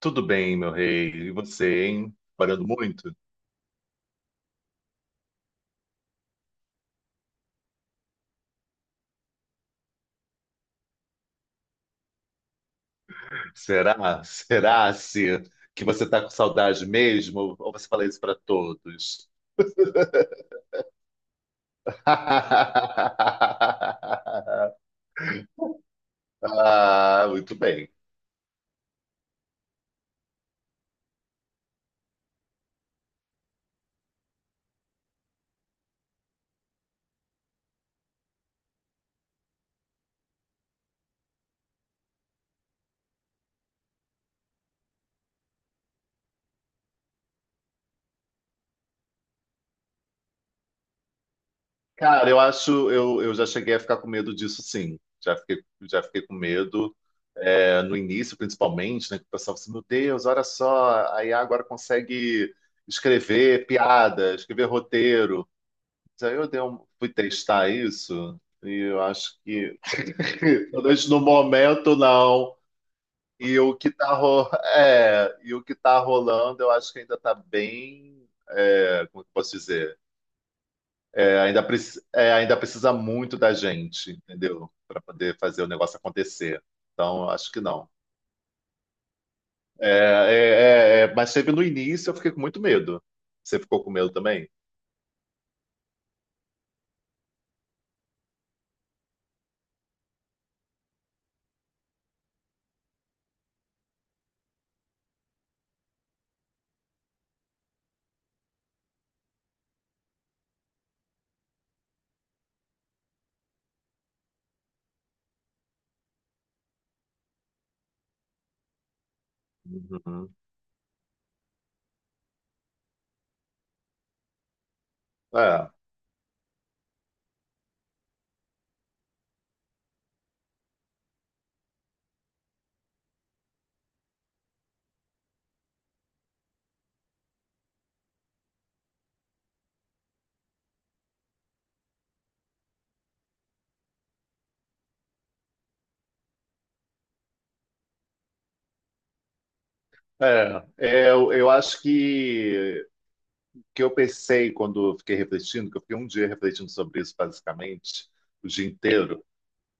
Tudo bem, meu rei. E você, hein? Parando muito? Será? Será se que você está com saudade mesmo? Ou você fala isso para todos? Ah, muito bem. Cara, eu acho, eu já cheguei a ficar com medo disso, sim. Já fiquei com medo, no início, principalmente, né? Que o pessoal assim, meu Deus, olha só, a IA agora consegue escrever piada, escrever roteiro. Aí eu dei um- fui testar isso e pelo menos no momento, não. E o que tá, ro... e o que tá rolando, eu acho que ainda tá bem. Como que eu posso dizer? É, ainda precisa muito da gente, entendeu? Para poder fazer o negócio acontecer. Então, eu acho que não. Mas teve no início, eu fiquei com muito medo. Você ficou com medo também? Uhum. É, eu acho que eu pensei quando eu fiquei refletindo, que eu fiquei um dia refletindo sobre isso basicamente, o dia inteiro,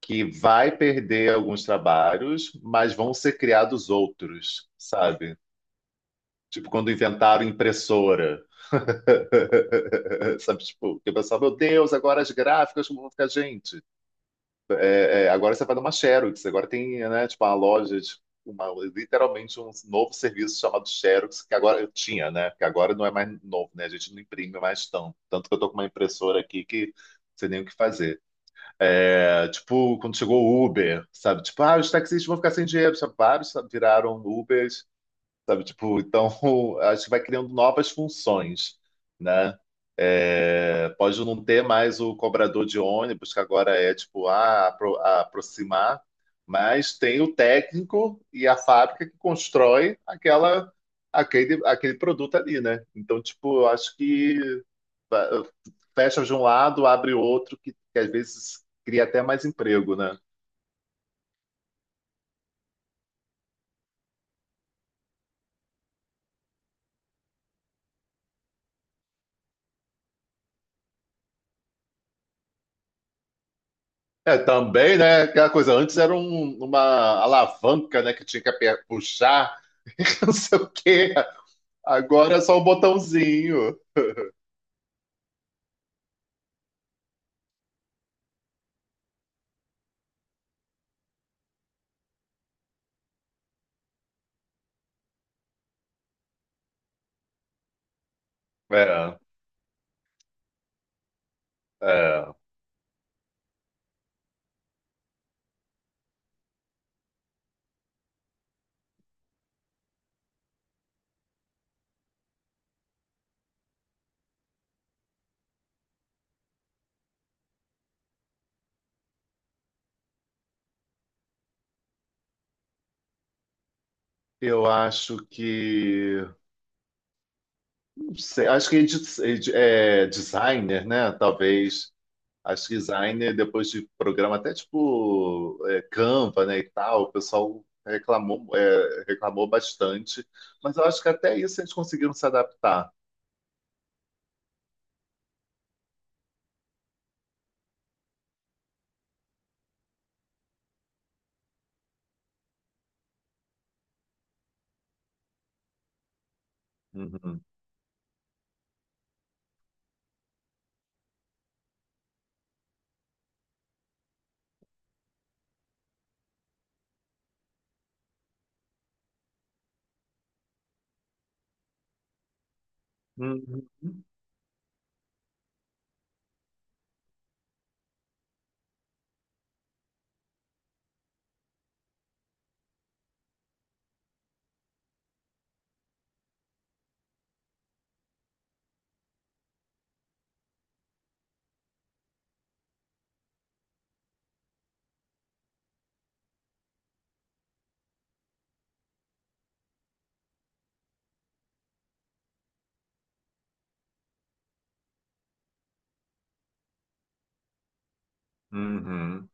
que vai perder alguns trabalhos, mas vão ser criados outros, sabe? Tipo, quando inventaram impressora. Sabe, tipo, que eu pensava, meu Deus, agora as gráficas como vão ficar, gente. É, agora você vai numa Xerox, agora tem, né, tipo, uma loja, uma, literalmente um novo serviço chamado Xerox, que agora eu tinha, né, que agora não é mais novo, né, a gente não imprime mais tanto, tanto que eu tô com uma impressora aqui que não sei nem o que fazer. É, tipo, quando chegou o Uber, sabe, tipo, ah, os taxistas vão ficar sem dinheiro, sabe? Vários, sabe, viraram Ubers, sabe? Tipo, então acho que vai criando novas funções, né? É, pode não ter mais o cobrador de ônibus, que agora é a aproximar, mas tem o técnico e a fábrica que constrói aquele produto ali, né? Então, tipo, eu acho que va- fecha de um lado, abre outro, que, às vezes cria até mais emprego, né? É, também, né? Aquela coisa, antes era uma alavanca, né? Que tinha que aper- puxar, e não sei o quê. Agora é só um botãozinho. É, é. Eu acho que. Não sei, acho que designer, né? Talvez. Acho que designer, depois de programa, Canva, né? E tal, o pessoal reclamou, reclamou bastante. Mas eu acho que até isso eles conseguiram se adaptar. Uhum. Uhum. Uhum.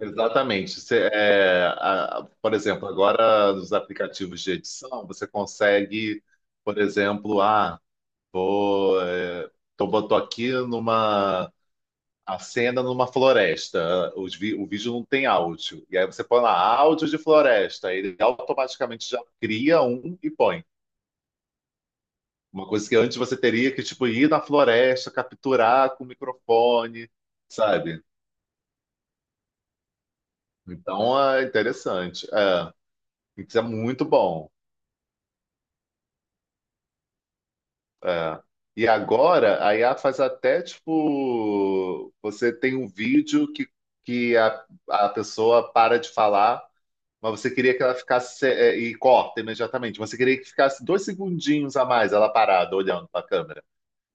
Exatamente. Por exemplo, agora nos aplicativos de edição, você consegue, por exemplo, vou, é, botou aqui numa a cena numa floresta. O vídeo não tem áudio. E aí você põe lá áudio de floresta. Ele automaticamente já cria um e põe. Uma coisa que antes você teria que tipo ir na floresta, capturar com o microfone, sabe? Então é interessante. É. Pix é muito bom. É. E agora a IA faz até tipo, você tem um vídeo que a pessoa para de falar, mas você queria que ela ficasse e corta imediatamente. Você queria que ficasse dois segundinhos a mais ela parada, olhando para a câmera.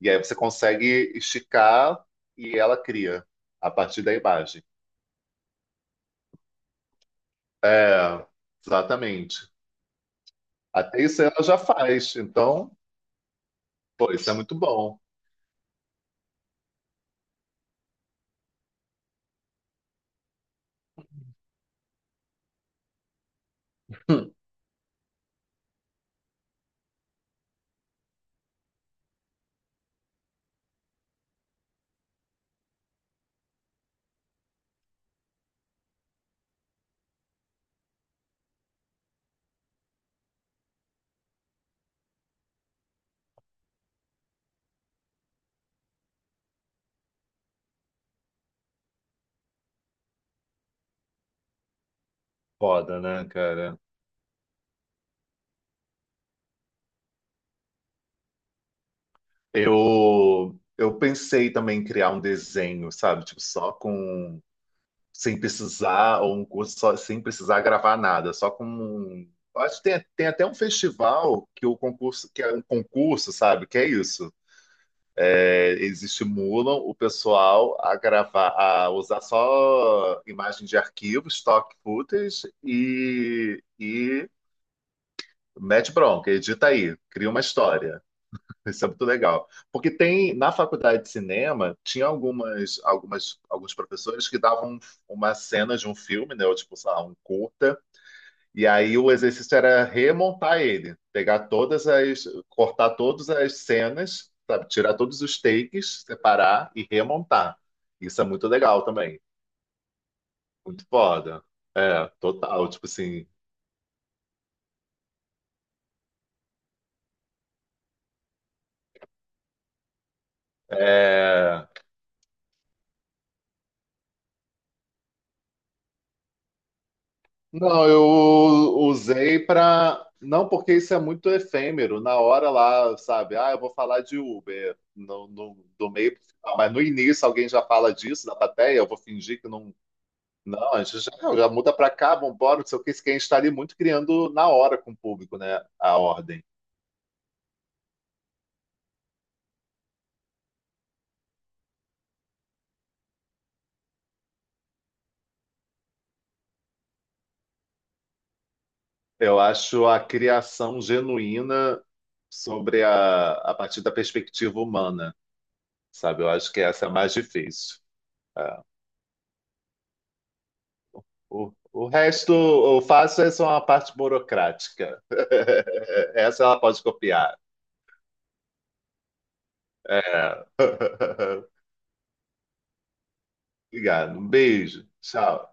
E aí você consegue esticar e ela cria a partir da imagem. É, exatamente. Até isso ela já faz. Então, pô, isso é muito bom. Foda, né, cara? Eu pensei também em criar um desenho, sabe? Tipo, só com. Sem precisar, ou um curso só, sem precisar gravar nada, só com. Eu acho que tem, tem até um festival que é um concurso, sabe? Que é isso. É, eles estimulam o pessoal a gravar, a usar só imagem de arquivo, stock footage e mete bronca, edita aí, cria uma história. Isso é muito legal. Porque tem, na faculdade de cinema, tinha alguns professores que davam um, uma cena de um filme, né? Ou tipo, sei lá, um curta. E aí o exercício era remontar ele, cortar todas as cenas, sabe? Tirar todos os takes, separar e remontar. Isso é muito legal também. Muito foda. É, total. Tipo assim, é... Não, eu usei para. Não, porque isso é muito efêmero. Na hora lá, sabe? Ah, eu vou falar de Uber do meio pro final. Mas no início alguém já fala disso da plateia, eu vou fingir que não. Não, a gente já, já muda para cá, vambora, não sei o que. Isso que a gente está ali muito criando na hora com o público, né? A ordem. Eu acho a criação genuína sobre a partir da perspectiva humana, sabe? Eu acho que essa é a mais difícil. É. O, o resto, o fácil é só uma parte burocrática. Essa ela pode copiar. É. Obrigado. Um beijo. Tchau.